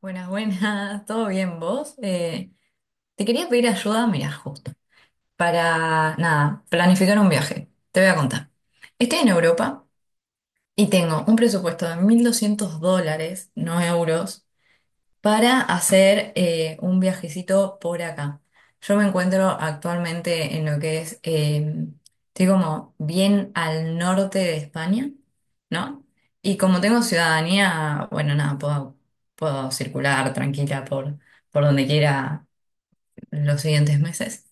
Buenas, buenas, ¿todo bien vos? Te quería pedir ayuda, mira, justo, para, nada, planificar un viaje. Te voy a contar. Estoy en Europa y tengo un presupuesto de $1.200, no euros, para hacer un viajecito por acá. Yo me encuentro actualmente en lo que es, estoy como bien al norte de España, ¿no? Y como tengo ciudadanía, bueno, nada, puedo circular tranquila por donde quiera los siguientes meses.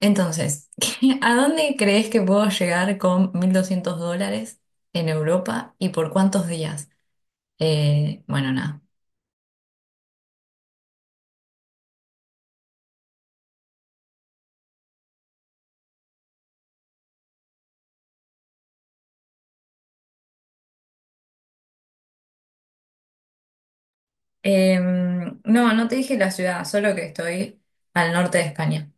Entonces, ¿a dónde crees que puedo llegar con $1.200 en Europa y por cuántos días? Bueno, nada. No, no te dije la ciudad, solo que estoy al norte de España.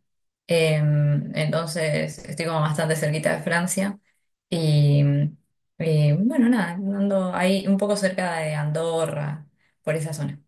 Entonces estoy como bastante cerquita de Francia. Y, y, bueno, nada, ando ahí un poco cerca de Andorra, por esa zona.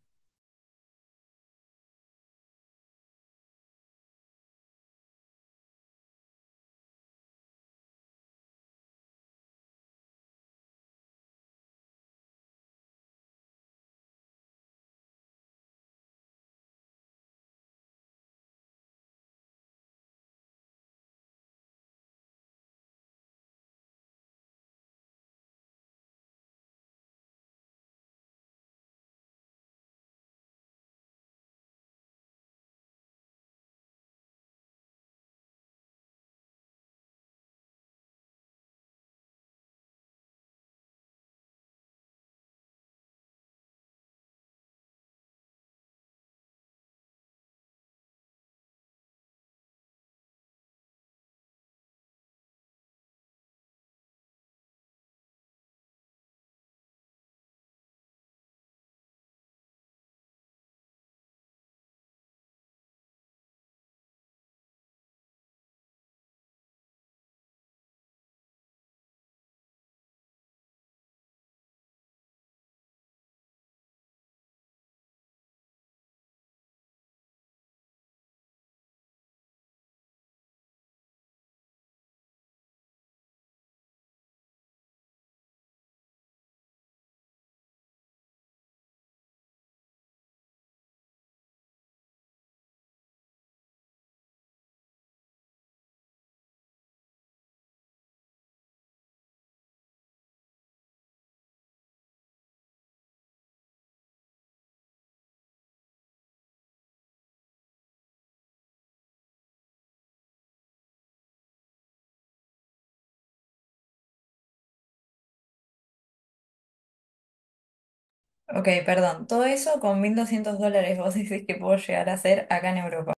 Ok, perdón. Todo eso con $1.200 vos decís que puedo llegar a hacer acá en Europa.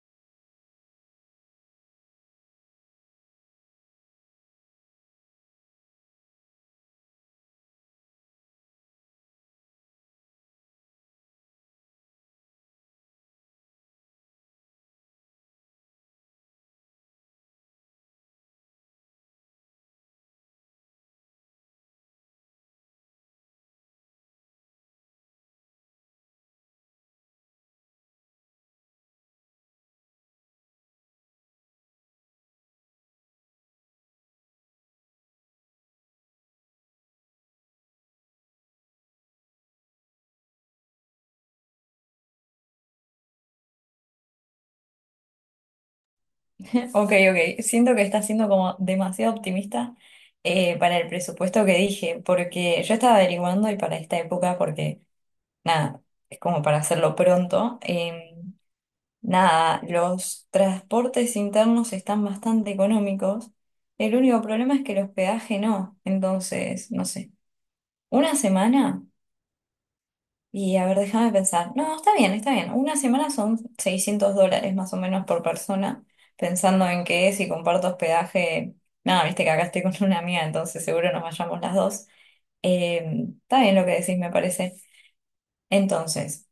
Ok, ok. Siento que estás siendo como demasiado optimista para el presupuesto que dije, porque yo estaba averiguando y para esta época, porque nada, es como para hacerlo pronto. Nada, los transportes internos están bastante económicos. El único problema es que el hospedaje no. Entonces, no sé, una semana, y a ver, déjame pensar. No, está bien, está bien. Una semana son $600 más o menos por persona, pensando en que si comparto hospedaje, nada, viste que acá estoy con una amiga, entonces seguro nos vayamos las dos. Está bien lo que decís, me parece. Entonces,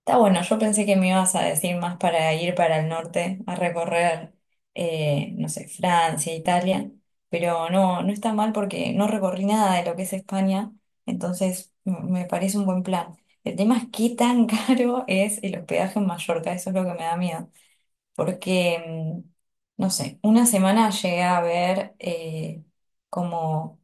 está bueno, yo pensé que me ibas a decir más para ir para el norte, a recorrer, no sé, Francia, Italia, pero no, no está mal porque no recorrí nada de lo que es España, entonces me parece un buen plan. El tema es qué tan caro es el hospedaje en Mallorca, eso es lo que me da miedo, porque, no sé, una semana llegué a ver como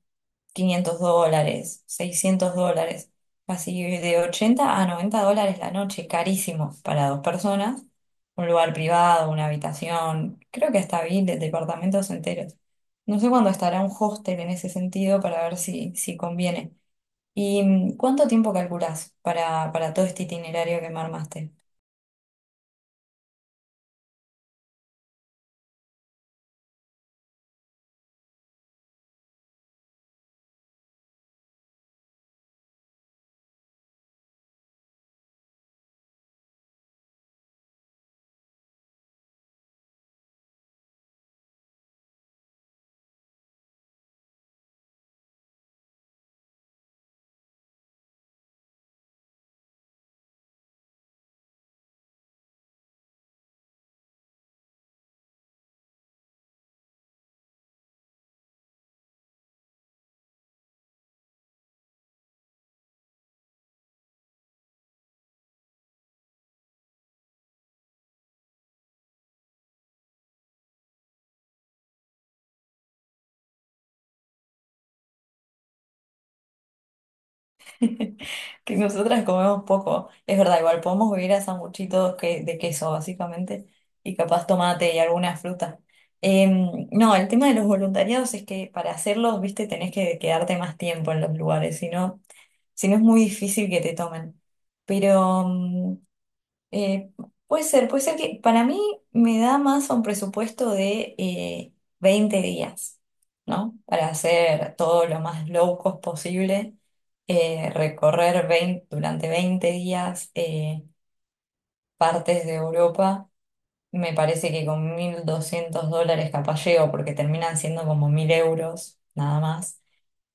$500, $600, así de $80 a $90 la noche, carísimo para dos personas, un lugar privado, una habitación, creo que hasta vi de departamentos enteros. No sé cuándo estará un hostel en ese sentido para ver si conviene. ¿Y cuánto tiempo calculás para todo este itinerario que me armaste? Que nosotras comemos poco. Es verdad, igual podemos vivir a sanguchitos que, de queso, básicamente, y capaz tomate y algunas frutas. No, el tema de los voluntariados es que para hacerlos, viste, tenés que quedarte más tiempo en los lugares, si no, si no es muy difícil que te tomen. Pero eh, puede ser que para mí me da más un presupuesto de 20 días, ¿no? Para hacer todo lo más low cost posible, recorrer 20 durante 20 días partes de Europa. Me parece que con $1.200 capaz llego, porque terminan siendo como 1.000 euros nada más.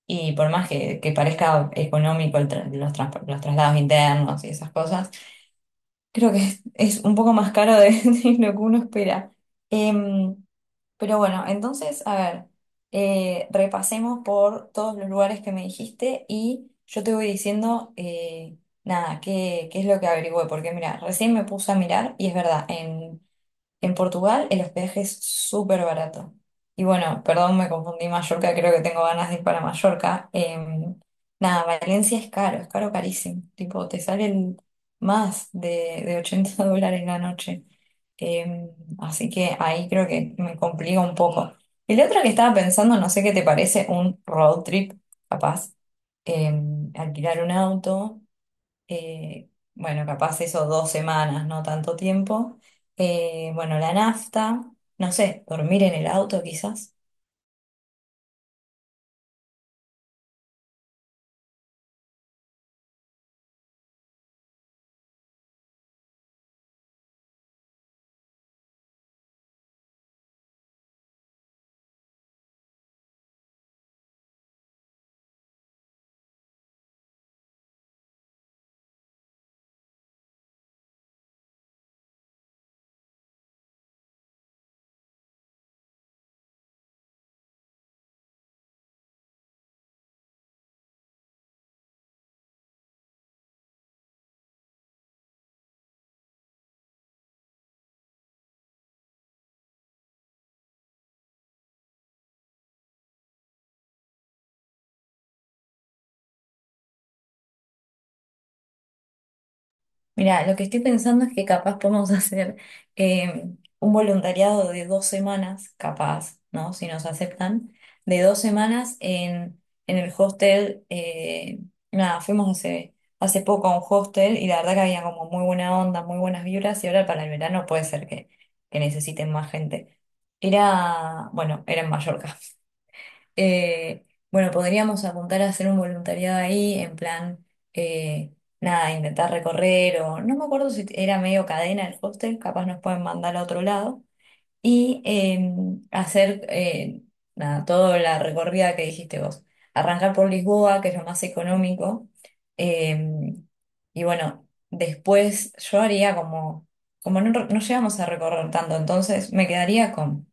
Y por más que parezca económico el tra- los, trans- los traslados internos y esas cosas. Creo que es un poco más caro de lo que uno espera. Em, pero bueno, entonces, a ver, repasemos por todos los lugares que me dijiste y yo te voy diciendo, nada, qué es lo que averigüé, porque mira, recién me puse a mirar y es verdad, en Portugal el hospedaje es súper barato. Y bueno, perdón, me confundí Mallorca, creo que tengo ganas de ir para Mallorca. Nada, Valencia es caro carísimo. Tipo, te salen más de 80 dólares la noche. Em, así que ahí creo que me complica un poco. Y la otra que estaba pensando, no sé qué te parece, un road trip, capaz. Alquilar un auto eh, bueno, capaz eso 2 semanas, no tanto tiempo. Bueno, la nafta, no sé, dormir en el auto quizás. Mira, lo que estoy pensando es que capaz podemos hacer eh, un voluntariado de 2 semanas, capaz, ¿no? Si nos aceptan, de 2 semanas en el hostel. Nada, fuimos hace poco a un hostel y la verdad que había como muy buena onda, muy buenas vibras y ahora para el verano puede ser que necesiten más gente. Era, bueno, era en Mallorca. Eh, bueno, podríamos apuntar a hacer un voluntariado ahí, en plan, eh, nada, intentar recorrer o no me acuerdo si era medio cadena el hostel, capaz nos pueden mandar a otro lado y hacer, nada, toda la recorrida que dijiste vos. Arrancar por Lisboa, que es lo más económico. eh, y bueno, después yo haría como no llegamos a recorrer tanto, entonces me quedaría con...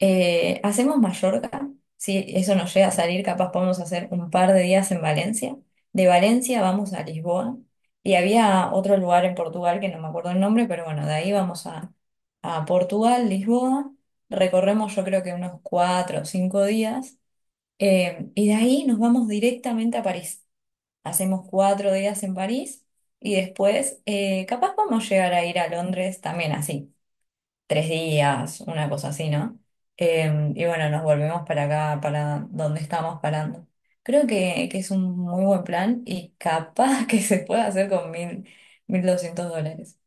Hacemos Mallorca, si eso nos llega a salir, capaz podemos hacer un par de días en Valencia. De Valencia vamos a Lisboa y había otro lugar en Portugal que no me acuerdo el nombre, pero bueno, de ahí vamos a Portugal, Lisboa, recorremos yo creo que unos 4 o 5 días y de ahí nos vamos directamente a París. Hacemos 4 días en París y después capaz vamos a llegar a ir a Londres también así 3 días, una cosa así, ¿no? Y bueno, nos volvemos para acá, para donde estamos parando. Creo que es un muy buen plan y capaz que se puede hacer con $1.200.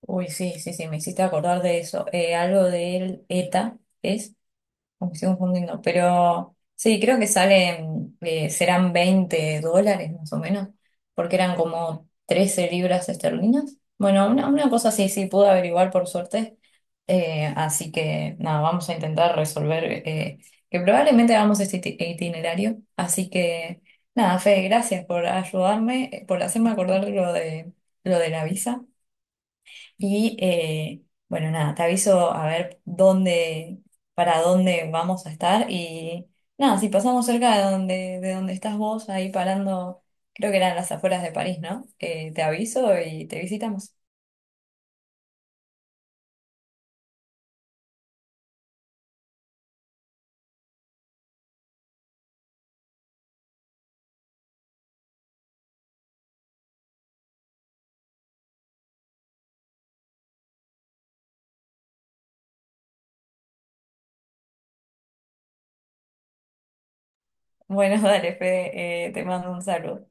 Uy, sí, sí, sí, me hiciste acordar de eso. Algo del ETA es. Como que estoy confundiendo, pero sí, creo que salen, serán $20 más o menos, porque eran como £13. Bueno, una cosa así, sí, pude averiguar por suerte. Así que nada, vamos a intentar resolver, que probablemente hagamos este itinerario. Así que nada, Fede, gracias por ayudarme, por hacerme acordar lo de, la visa. Y bueno, nada, te aviso a ver dónde, para dónde vamos a estar. Y nada, si pasamos cerca de donde estás vos, ahí parando, creo que eran las afueras de París, ¿no? Te aviso y te visitamos. Bueno, dale, Fede, te mando un saludo.